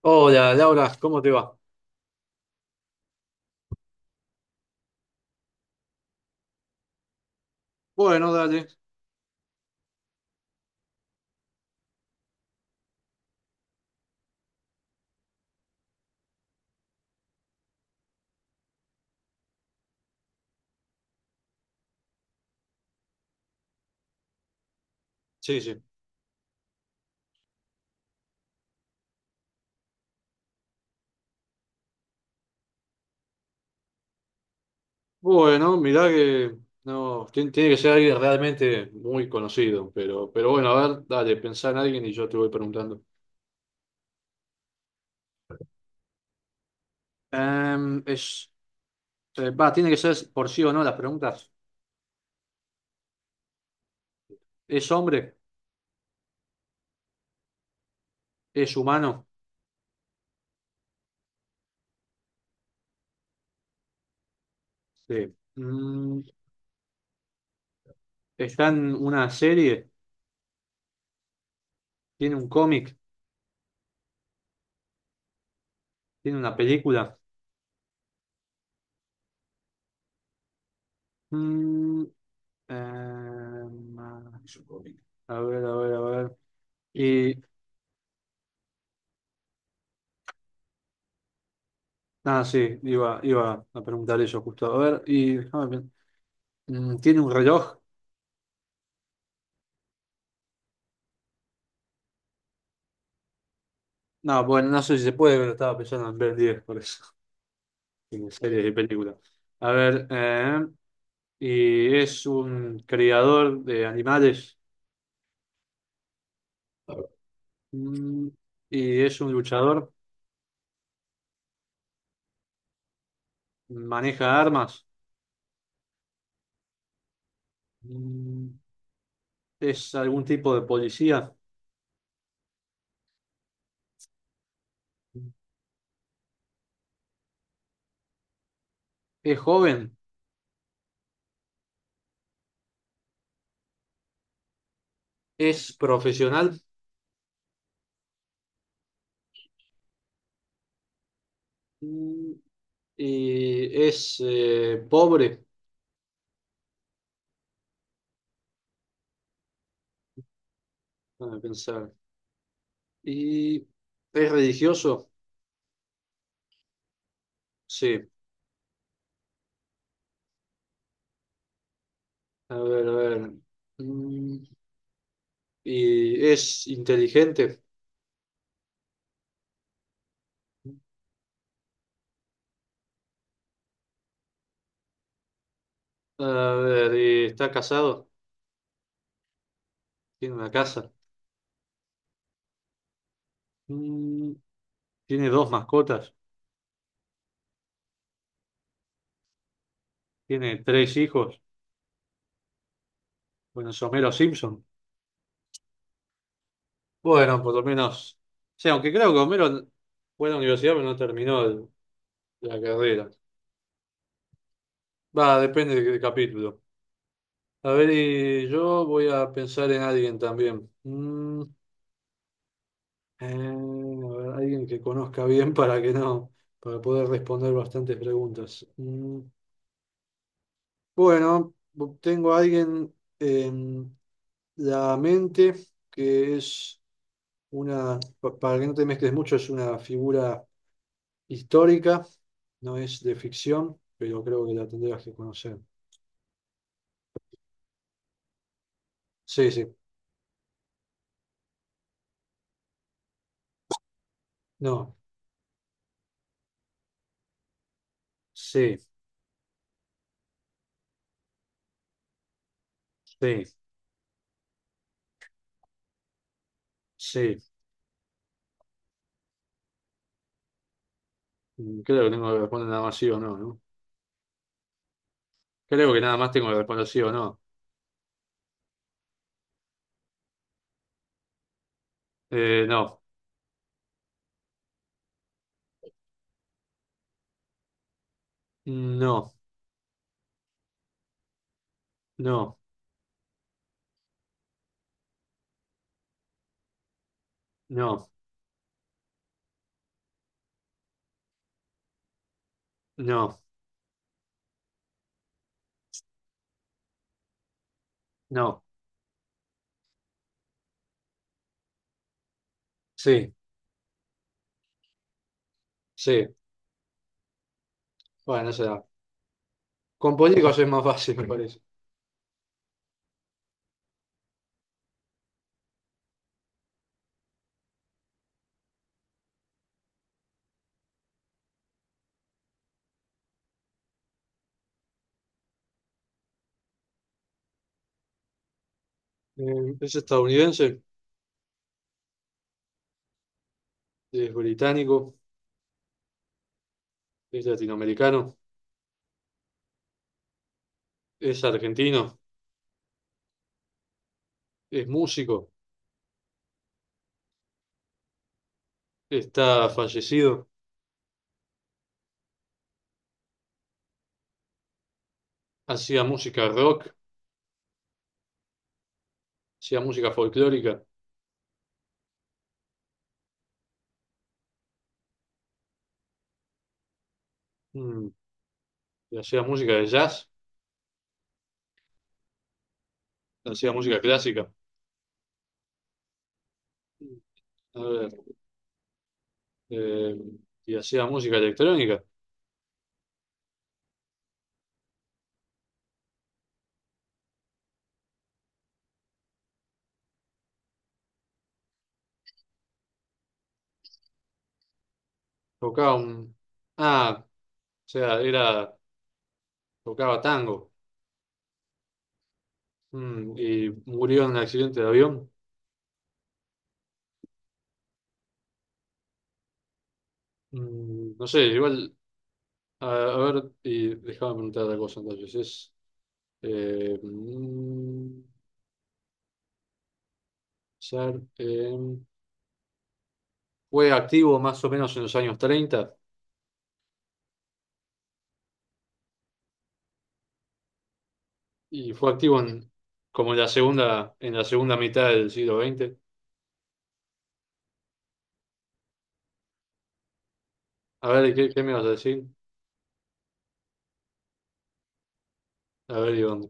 Hola, Laura, ¿cómo te va? Bueno, dale. Sí, sí. Bueno, mirá que no, tiene que ser alguien realmente muy conocido, pero bueno, a ver, dale, pensá en alguien y yo te voy preguntando. Em, es, Va, tiene que ser por sí o no las preguntas. ¿Es hombre? ¿Es humano? Sí. ¿Está en una serie? ¿Tiene un cómic? ¿Tiene una película? Mm, em, ah, a ver, a ver, a ver. Ah, sí, iba a preguntar eso justo. A ver, y déjame ver. ¿Tiene un reloj? No, bueno, no sé si se puede, pero estaba pensando en ver 10, por eso. En series y películas. A ver, y es un criador de animales. Mm, y es un luchador. Maneja armas. Mm, es algún tipo de policía. Es joven. Es profesional. Mm, y es pobre. Déjame pensar. Y es religioso, sí. A ver, a ver. Mm, Y es inteligente. A ver, y está casado. Tiene una casa. Mm, Tiene dos mascotas. Tiene tres hijos. Bueno, es Homero Simpson. Bueno, por lo menos. O sea, aunque creo que Homero fue a la universidad, pero no terminó la carrera. Va, depende del capítulo. A ver, y yo voy a pensar en alguien también. A ver, alguien que conozca bien para que no, para poder responder bastantes preguntas. Bueno, tengo a alguien en la mente que es una, para que no te mezcles mucho, es una figura histórica, no es de ficción, pero creo que la tendrías que conocer. Sí, sí, no, sí, sí, sí. Creo que tengo que responder nada más sí o no, ¿no? Creo que nada más tengo que responder sí o no. No, no. No, no, no, no. Sí, sí. Bueno, no se da. Con políticos es más fácil, me parece. Es estadounidense, es británico, es latinoamericano, es argentino, es músico, está fallecido, hacía música rock, hacía música folclórica, mm, y hacía música de jazz, hacía música clásica, a ver, eh, y hacía música electrónica. Tocaba un. Ah, o sea, era. Tocaba tango. Y murió en un accidente de avión. No sé, igual, a ver, y déjame preguntar otra cosa entonces. Es, mm, pensar, em, Fue activo más o menos en los años 30 y fue activo en, como en la segunda, mitad del siglo XX. A ver, ¿qué me vas a decir. A ver, ¿y dónde?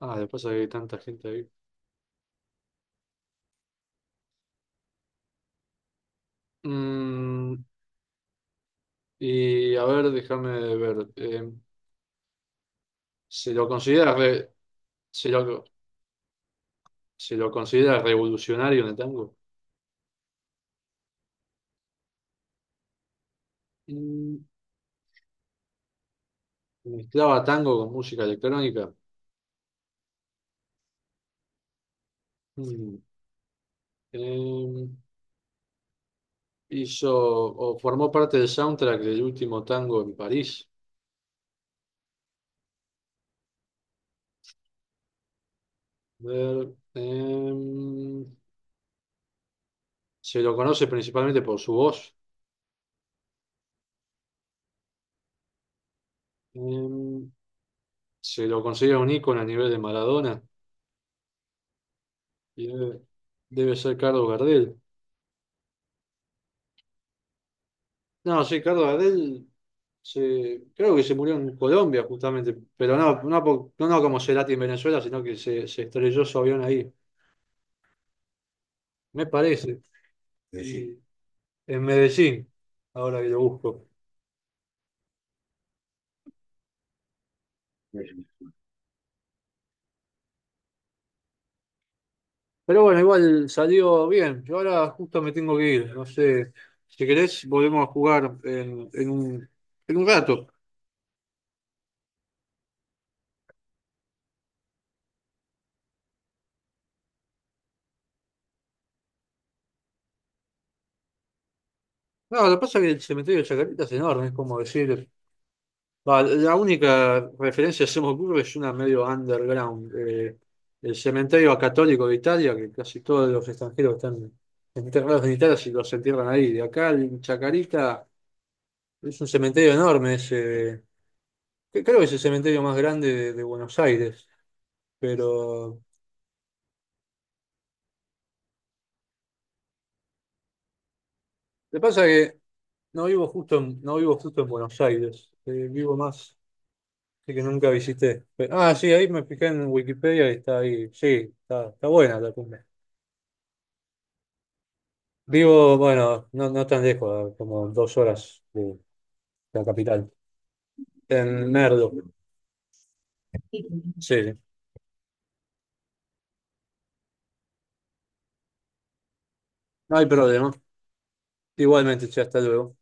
Ah, después hay tanta gente ahí. Mm, y a ver, déjame ver. Se lo considera, re- se lo, Se lo considera revolucionario en el tango. Mm, Mezclaba tango con música electrónica. Mm, eh, Hizo o formó parte del soundtrack del último tango en París. A ver, se lo conoce principalmente por su voz. Eh, Se lo considera un ícono a nivel de Maradona. Y debe ser Carlos Gardel. No, sí, Carlos Gardel creo que se murió en Colombia justamente, pero no, no, no, no como Cerati en Venezuela, sino que se estrelló su avión ahí, me parece, Medellín. Y en Medellín, ahora que lo busco. Pero bueno, igual salió bien. Yo ahora justo me tengo que ir, no sé, si querés volvemos a jugar en, en un rato. No, lo que pasa es que el cementerio de Chacarita es enorme, es como decir. No, la única referencia que hacemos burro es una medio underground. El cementerio católico de Italia, que casi todos los extranjeros están enterrados en Italia si los entierran ahí. De acá, en Chacarita, es un cementerio enorme ese, que creo que es el cementerio más grande de Buenos Aires. Pero lo que pasa es que no vivo justo en, Buenos Aires. Vivo más, así que nunca visité. Ah, sí, ahí me fijé en Wikipedia y está ahí. Sí, está buena la cumbre. Vivo, bueno, no, no tan lejos, como 2 horas de la capital. En Merdo. Sí, sí. No hay problema. Igualmente, che, hasta luego.